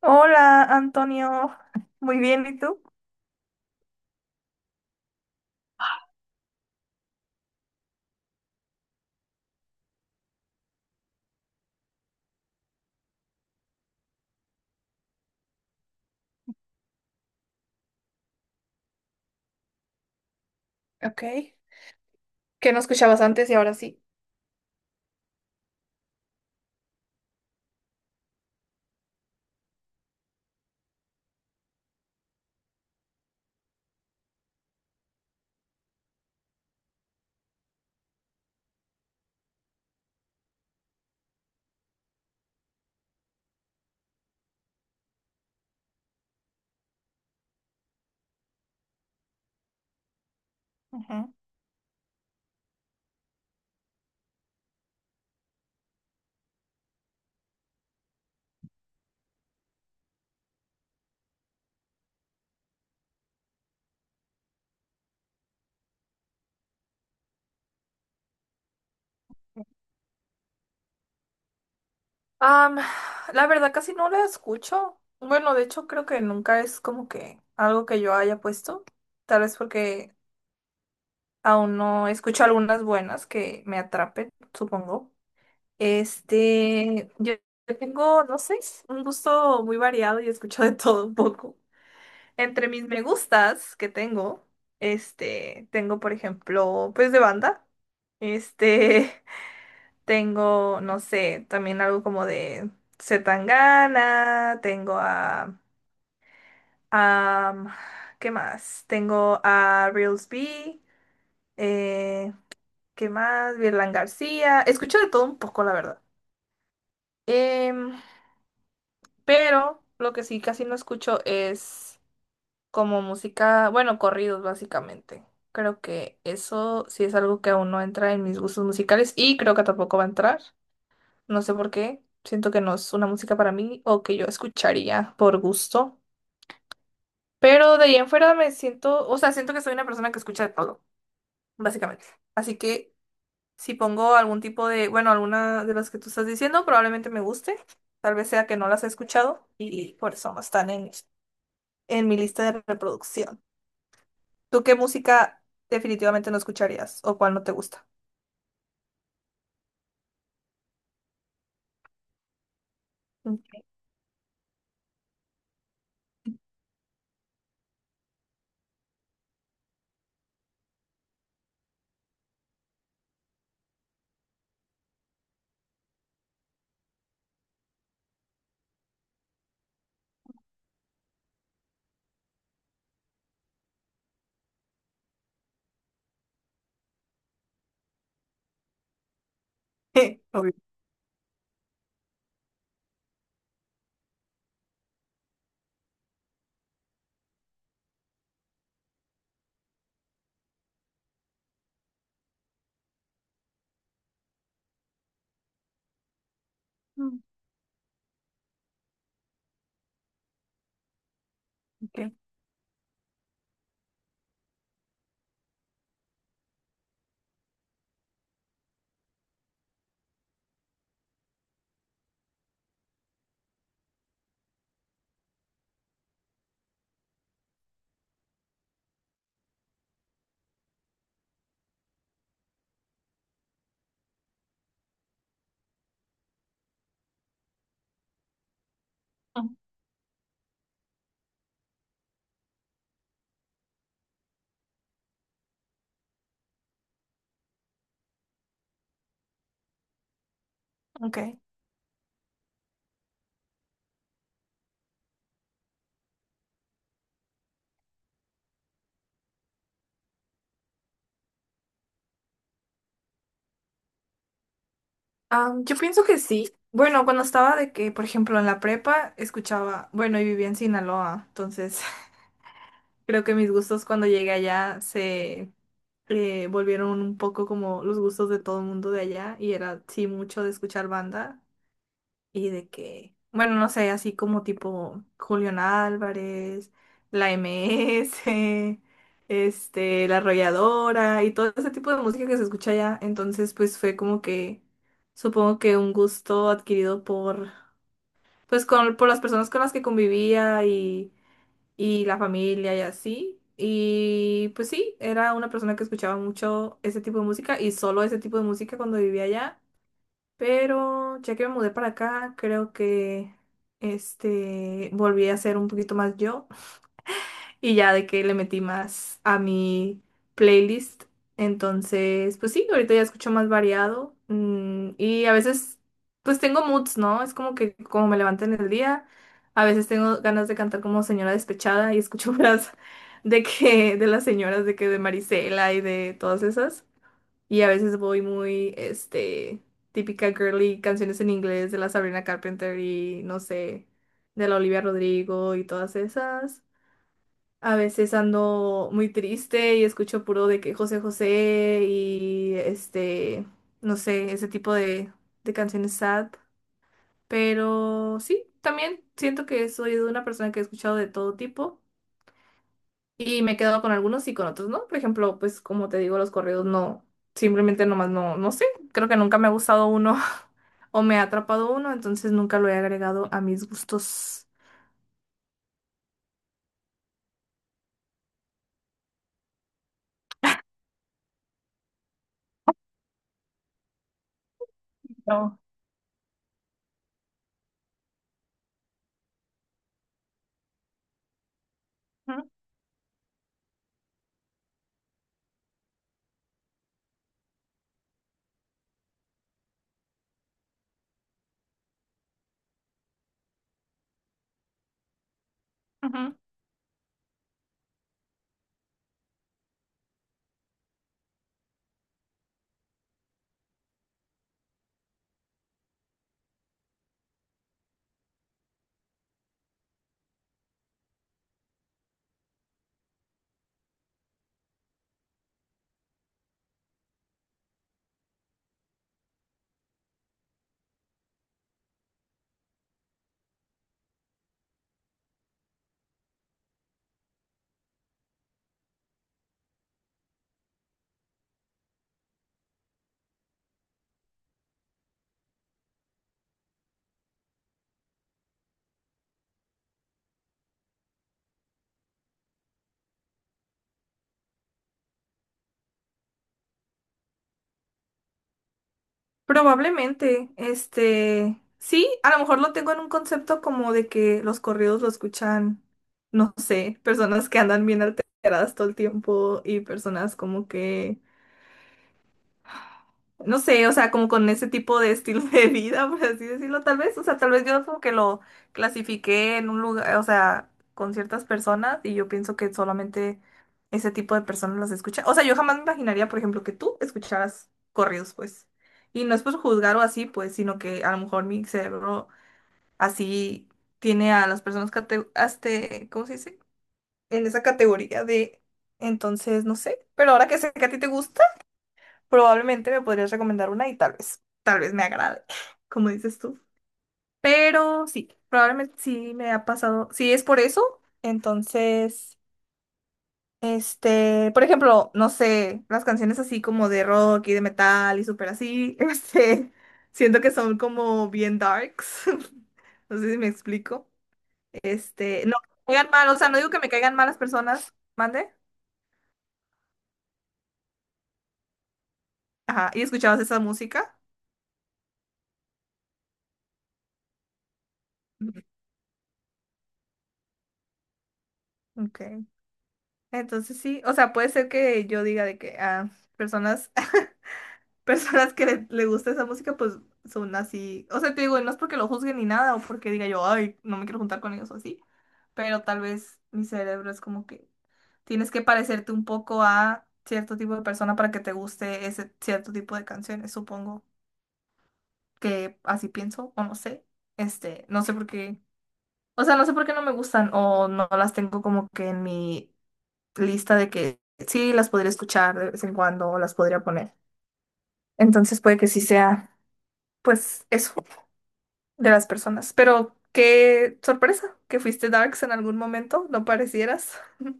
Hola, Antonio. Muy bien, ¿y tú? Ok. Que no escuchabas antes y ahora sí. Ujú. Am, la verdad casi no la escucho. Bueno, de hecho creo que nunca es como que algo que yo haya puesto. Tal vez porque aún no escucho algunas buenas que me atrapen, supongo. Este, yo yo tengo, no sé, un gusto muy variado y escucho de todo un poco. Entre mis me gustas que tengo, tengo por ejemplo, pues de banda. Este, tengo, no sé, también algo como de Zetangana, tengo a, ¿qué más? Tengo a Reels B, eh, ¿qué más? Virlan García, escucho de todo un poco, la verdad. Em, pero lo que sí casi no escucho es como música, bueno, corridos básicamente. Creo que eso sí es algo que aún no entra en mis gustos musicales y creo que tampoco va a entrar. No sé por qué. Siento que no es una música para mí o que yo escucharía por gusto. Pero de ahí en fuera me siento, o sea, siento que soy una persona que escucha de todo, básicamente. Así que si pongo algún tipo de, bueno, alguna de las que tú estás diciendo, probablemente me guste. Tal vez sea que no las he escuchado y por eso no están en mi lista de reproducción. ¿Tú qué música definitivamente no escucharías o cuál no te gusta? Mm. Obvio. Mm, okay. Mm, ok. Ah, yo pienso que sí. Bueno, cuando estaba de que, por ejemplo, en la prepa escuchaba, bueno, y vivía en Sinaloa, entonces creo que mis gustos cuando llegué allá se volvieron un poco como los gustos de todo el mundo de allá y era, sí, mucho de escuchar banda. Y de que, bueno, no sé, así como tipo Julián Álvarez, la MS, La Arrolladora y todo ese tipo de música que se escucha allá. Entonces, pues fue como que, supongo que un gusto adquirido por, pues con, por las personas con las que convivía y la familia y así. Y pues sí, era una persona que escuchaba mucho ese tipo de música y solo ese tipo de música cuando vivía allá. Pero ya que me mudé para acá, creo que volví a ser un poquito más yo y ya de que le metí más a mi playlist. Entonces, pues sí, ahorita ya escucho más variado y a veces pues tengo moods, ¿no? Es como que como me levanté en el día, a veces tengo ganas de cantar como señora despechada y escucho las de que de las señoras de que de Marisela y de todas esas. Y a veces voy muy, típica girly, canciones en inglés de la Sabrina Carpenter y no sé, de la Olivia Rodrigo y todas esas. A veces ando muy triste y escucho puro de que José José y no sé, ese tipo de canciones sad. Pero sí, también siento que soy de una persona que he escuchado de todo tipo. Y me he quedado con algunos y con otros, ¿no? Por ejemplo, pues como te digo, los corridos no, simplemente nomás no, no sé, creo que nunca me ha gustado uno o me ha atrapado uno, entonces nunca lo he agregado a mis gustos. No. Ujú, ujú. Probablemente, sí, a lo mejor lo tengo en un concepto como de que los corridos lo escuchan, no sé, personas que andan bien alteradas todo el tiempo y personas como que no sé, o sea, como con ese tipo de estilo de vida, por así decirlo, tal vez, o sea, tal vez yo como que lo clasifiqué en un lugar, o sea, con ciertas personas y yo pienso que solamente ese tipo de personas las escucha. O sea, yo jamás me imaginaría, por ejemplo, que tú escucharas corridos, pues. Y no es por juzgar o así, pues, sino que a lo mejor mi cerebro así tiene a las personas ¿cómo se dice? En esa categoría de, entonces, no sé, pero ahora que sé que a ti te gusta probablemente me podrías recomendar una y tal vez me agrade, como dices tú. Pero sí, probablemente sí me ha pasado. Si es por eso, entonces, por ejemplo, no sé, las canciones así como de rock y de metal y súper así, siento que son como bien darks. No sé si me explico. No, me caigan mal, o sea, no digo que me caigan mal las personas, mande. Ajá, ¿y escuchabas esa música? Ujú. Ok. Entonces sí, o sea, puede ser que yo diga de que ah, personas, personas que le gusta esa música, pues son así. O sea, te digo, no es porque lo juzguen ni nada, o porque diga yo, ay, no me quiero juntar con ellos o así. Pero tal vez mi cerebro es como que tienes que parecerte un poco a cierto tipo de persona para que te guste ese cierto tipo de canciones, supongo que así pienso, o no sé. No sé por qué. O sea, no sé por qué no me gustan, o no las tengo como que en mi lista de que sí las podría escuchar de vez en cuando o las podría poner. Entonces puede que sí sea, pues, eso de las personas. Pero qué sorpresa que fuiste Darks en algún momento, no parecieras.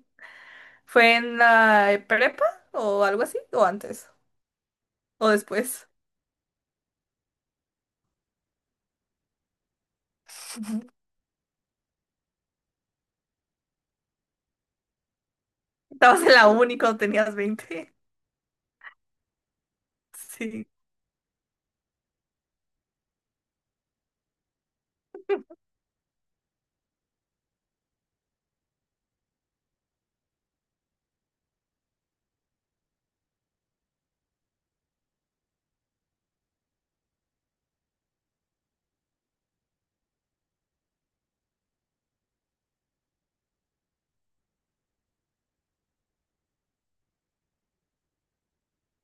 ¿Fue en la prepa o algo así? ¿O antes? ¿O después? Ujú. Estabas en la uni cuando tenías 20. Sí.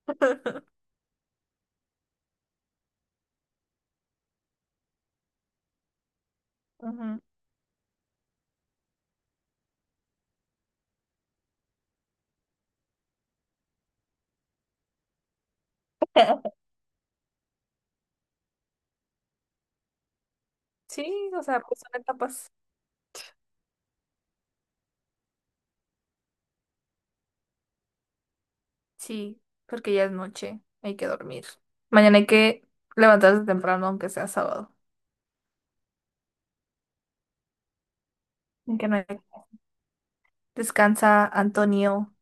Ujú. Sí, o sea, pues son etapas. Sí, porque ya es noche, hay que dormir. Mañana hay que levantarse temprano, aunque sea sábado. En que no descansa, Antonio.